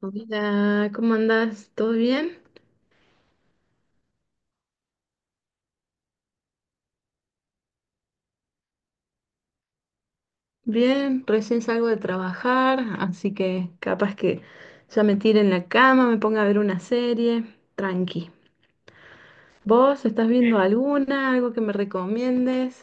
Hola, ¿cómo andás? ¿Todo bien? Bien, recién salgo de trabajar, así que capaz que ya me tire en la cama, me ponga a ver una serie, tranqui. ¿Vos estás viendo alguna, algo que me recomiendes?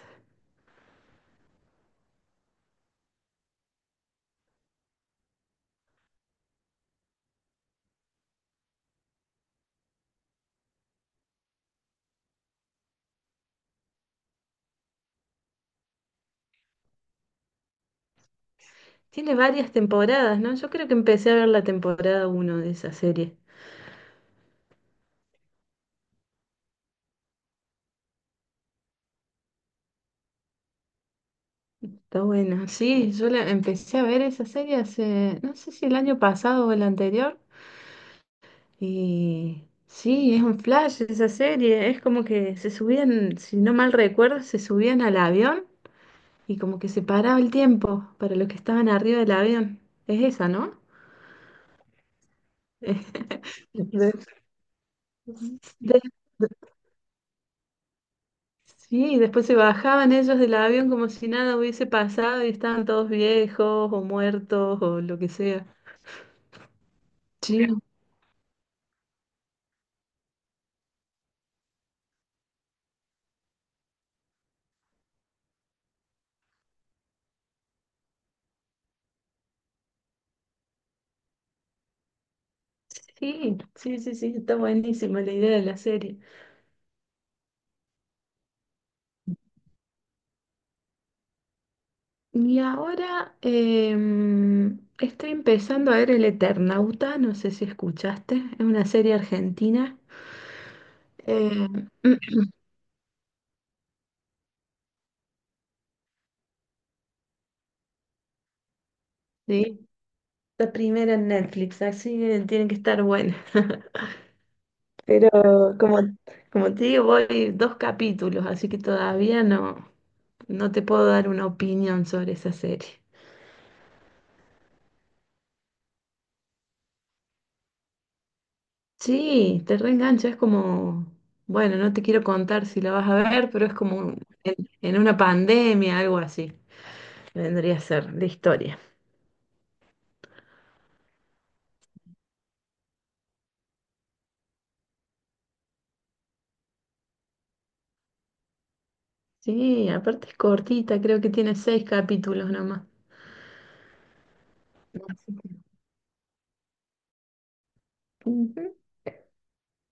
Tiene varias temporadas, ¿no? Yo creo que empecé a ver la temporada uno de esa serie. Está buena, sí, yo la empecé a ver esa serie hace, no sé si el año pasado o el anterior. Y sí, es un flash esa serie. Es como que se subían, si no mal recuerdo, se subían al avión y como que se paraba el tiempo para los que estaban arriba del avión. Es esa, ¿no? De- de- sí, después se bajaban ellos del avión como si nada hubiese pasado y estaban todos viejos o muertos o lo que sea. Sí, sí, sí, sí, sí, está buenísima la idea de la serie. Y ahora estoy empezando a ver El Eternauta, no sé si escuchaste, es una serie argentina. Em, sí, la primera en Netflix, así que tiene que estar buena. Pero como, como te digo, voy dos capítulos, así que todavía no te puedo dar una opinión sobre esa serie. Sí, te reengancha, es como, bueno, no te quiero contar si la vas a ver, pero es como en una pandemia, algo así. Vendría a ser la historia. Sí, aparte es cortita, creo que tiene seis capítulos nomás. Así que, ujú.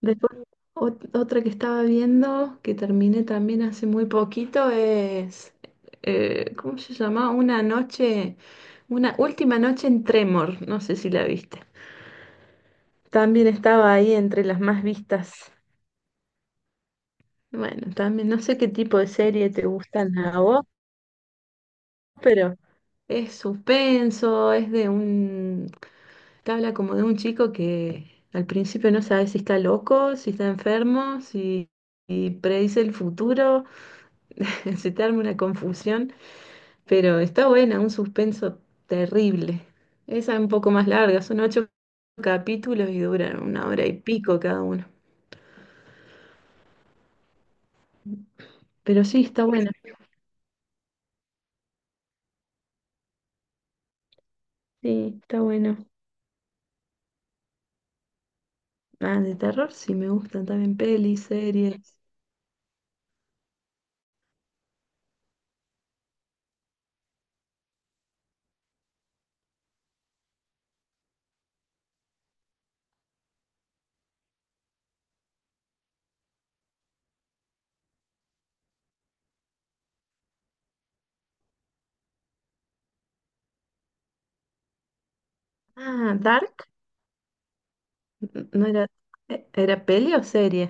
Después, otra que estaba viendo, que terminé también hace muy poquito, es, ¿cómo se llama? Una noche, una última noche en Tremor, no sé si la viste. También estaba ahí entre las más vistas. Bueno, también no sé qué tipo de serie te gustan a vos, pero es suspenso, es de un te habla como de un chico que al principio no sabe si está loco, si está enfermo, si predice el futuro, se te arma una confusión, pero está buena, un suspenso terrible. Esa es un poco más larga, son ocho capítulos y duran una hora y pico cada uno. Pero sí, está buena, sí, está bueno. Ah, de terror sí me gustan también pelis, series. Ah, Dark, no era, ¿era peli o serie?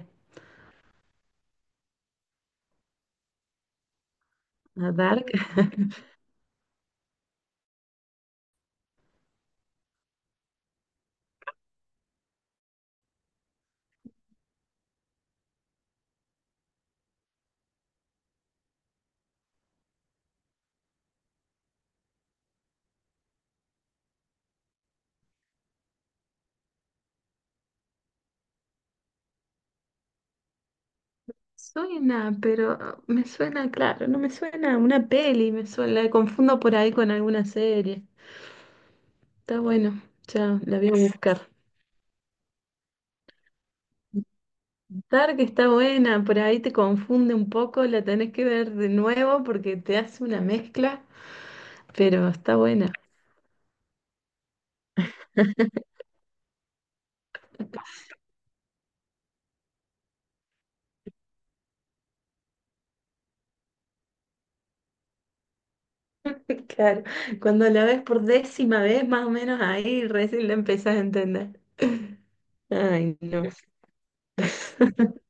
Ah, Dark. Suena, pero ah, me suena, claro, no me suena a una peli, me suena, la confundo por ahí con alguna serie. Está bueno, ya la voy a buscar. Dark está buena, por ahí te confunde un poco, la tenés que ver de nuevo porque te hace una mezcla, pero está buena. Claro, cuando la ves por décima vez, más o menos ahí recién la empezás a entender. Ay, no.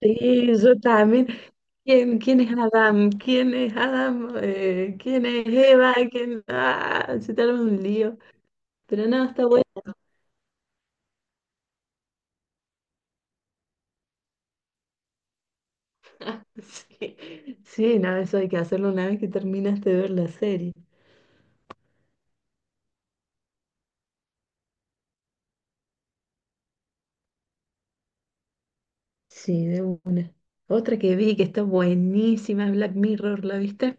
Sí, yo también. ¿Quién es Adam? ¿Quién es Adam? ¿Quién es Eva? ¿Quién? Ah, se te arma un lío. Pero no, está bueno. Sí, sí, no, eso hay que hacerlo una vez que terminaste de ver la serie. Sí, de una. Otra que vi que está buenísima es Black Mirror, ¿la viste?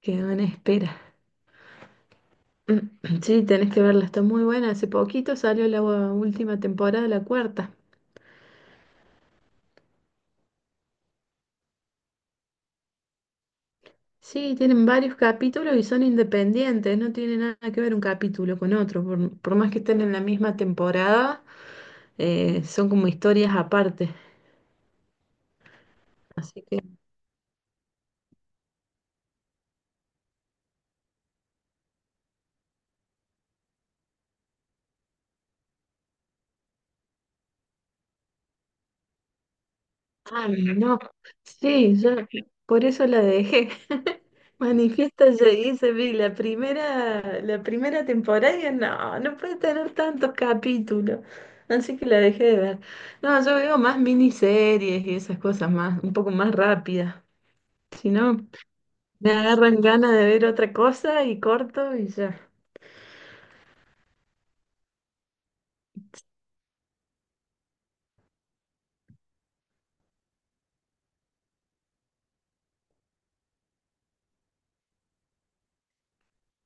Quedó en espera. Sí, tenés que verla, está muy buena. Hace poquito salió la última temporada, la cuarta. Sí, tienen varios capítulos y son independientes, no tiene nada que ver un capítulo con otro. Por más que estén en la misma temporada, son como historias aparte. Así que, ah, no, sí, yo por eso la dejé. Manifiesta llegué, se vi la primera temporada y dije, no, no puede tener tantos capítulos. Así que la dejé de ver. No, yo veo más miniseries y esas cosas más, un poco más rápidas. Si no. Me agarran ganas de ver otra cosa y corto y ya.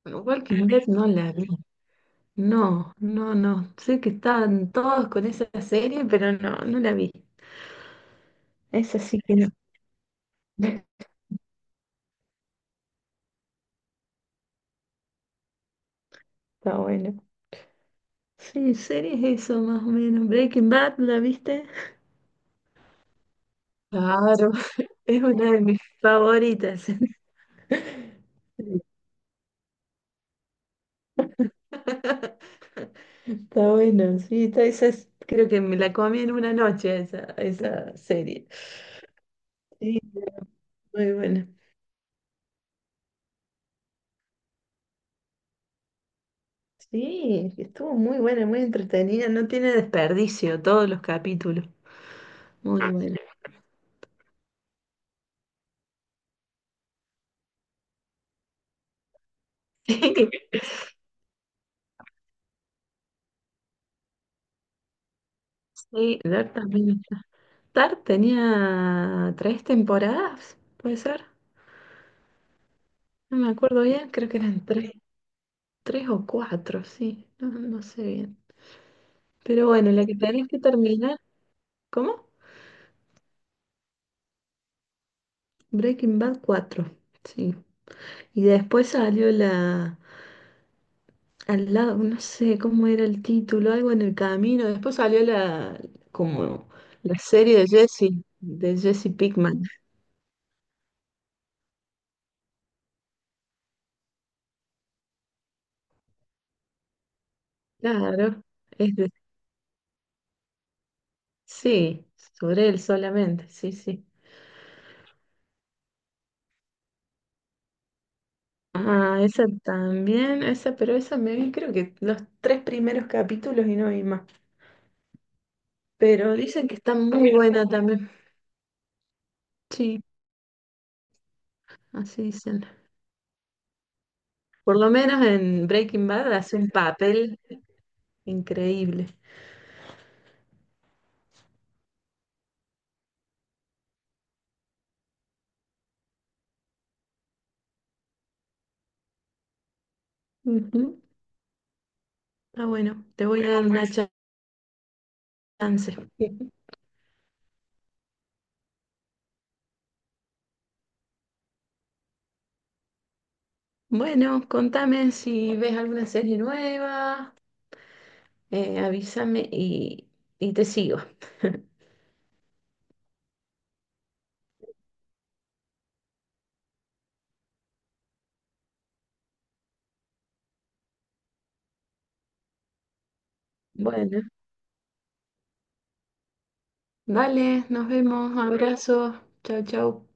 Bueno, Walking Dead no la vi. No, no, no. Sé que estaban todos con esa serie, pero no, no la vi. Esa sí que no. Está bueno. Sí, series eso más o menos. Breaking Bad, ¿la viste? Claro, es una de mis favoritas. Está bueno, sí, está, creo que me la comí en una noche esa serie. Sí, muy buena. Sí, estuvo muy buena, muy entretenida, no tiene desperdicio todos los capítulos. Muy, ah, buena. Sí, Dark también está. Dark tenía tres temporadas, puede ser. No me acuerdo bien, creo que eran tres, tres o cuatro, sí, no, no sé bien. Pero bueno, la que tenés que terminar, ¿cómo? Breaking Bad 4. Sí. Y después salió la. Al lado, no sé cómo era el título, algo en el camino. Después salió la, como la serie de Jesse Pinkman. Claro, es de- sí, sobre él solamente, sí, sí. Ah, esa también, esa, pero esa me vi creo que los tres primeros capítulos y no vi más. Pero dicen que está muy buena también. Sí, así dicen. Por lo menos en Breaking Bad hace un papel increíble. Ujú. Ah, bueno, te voy a dar una chance. Bueno, contame si ves alguna serie nueva, avísame y te sigo. Bueno, vale, nos vemos, abrazos, chao, chao.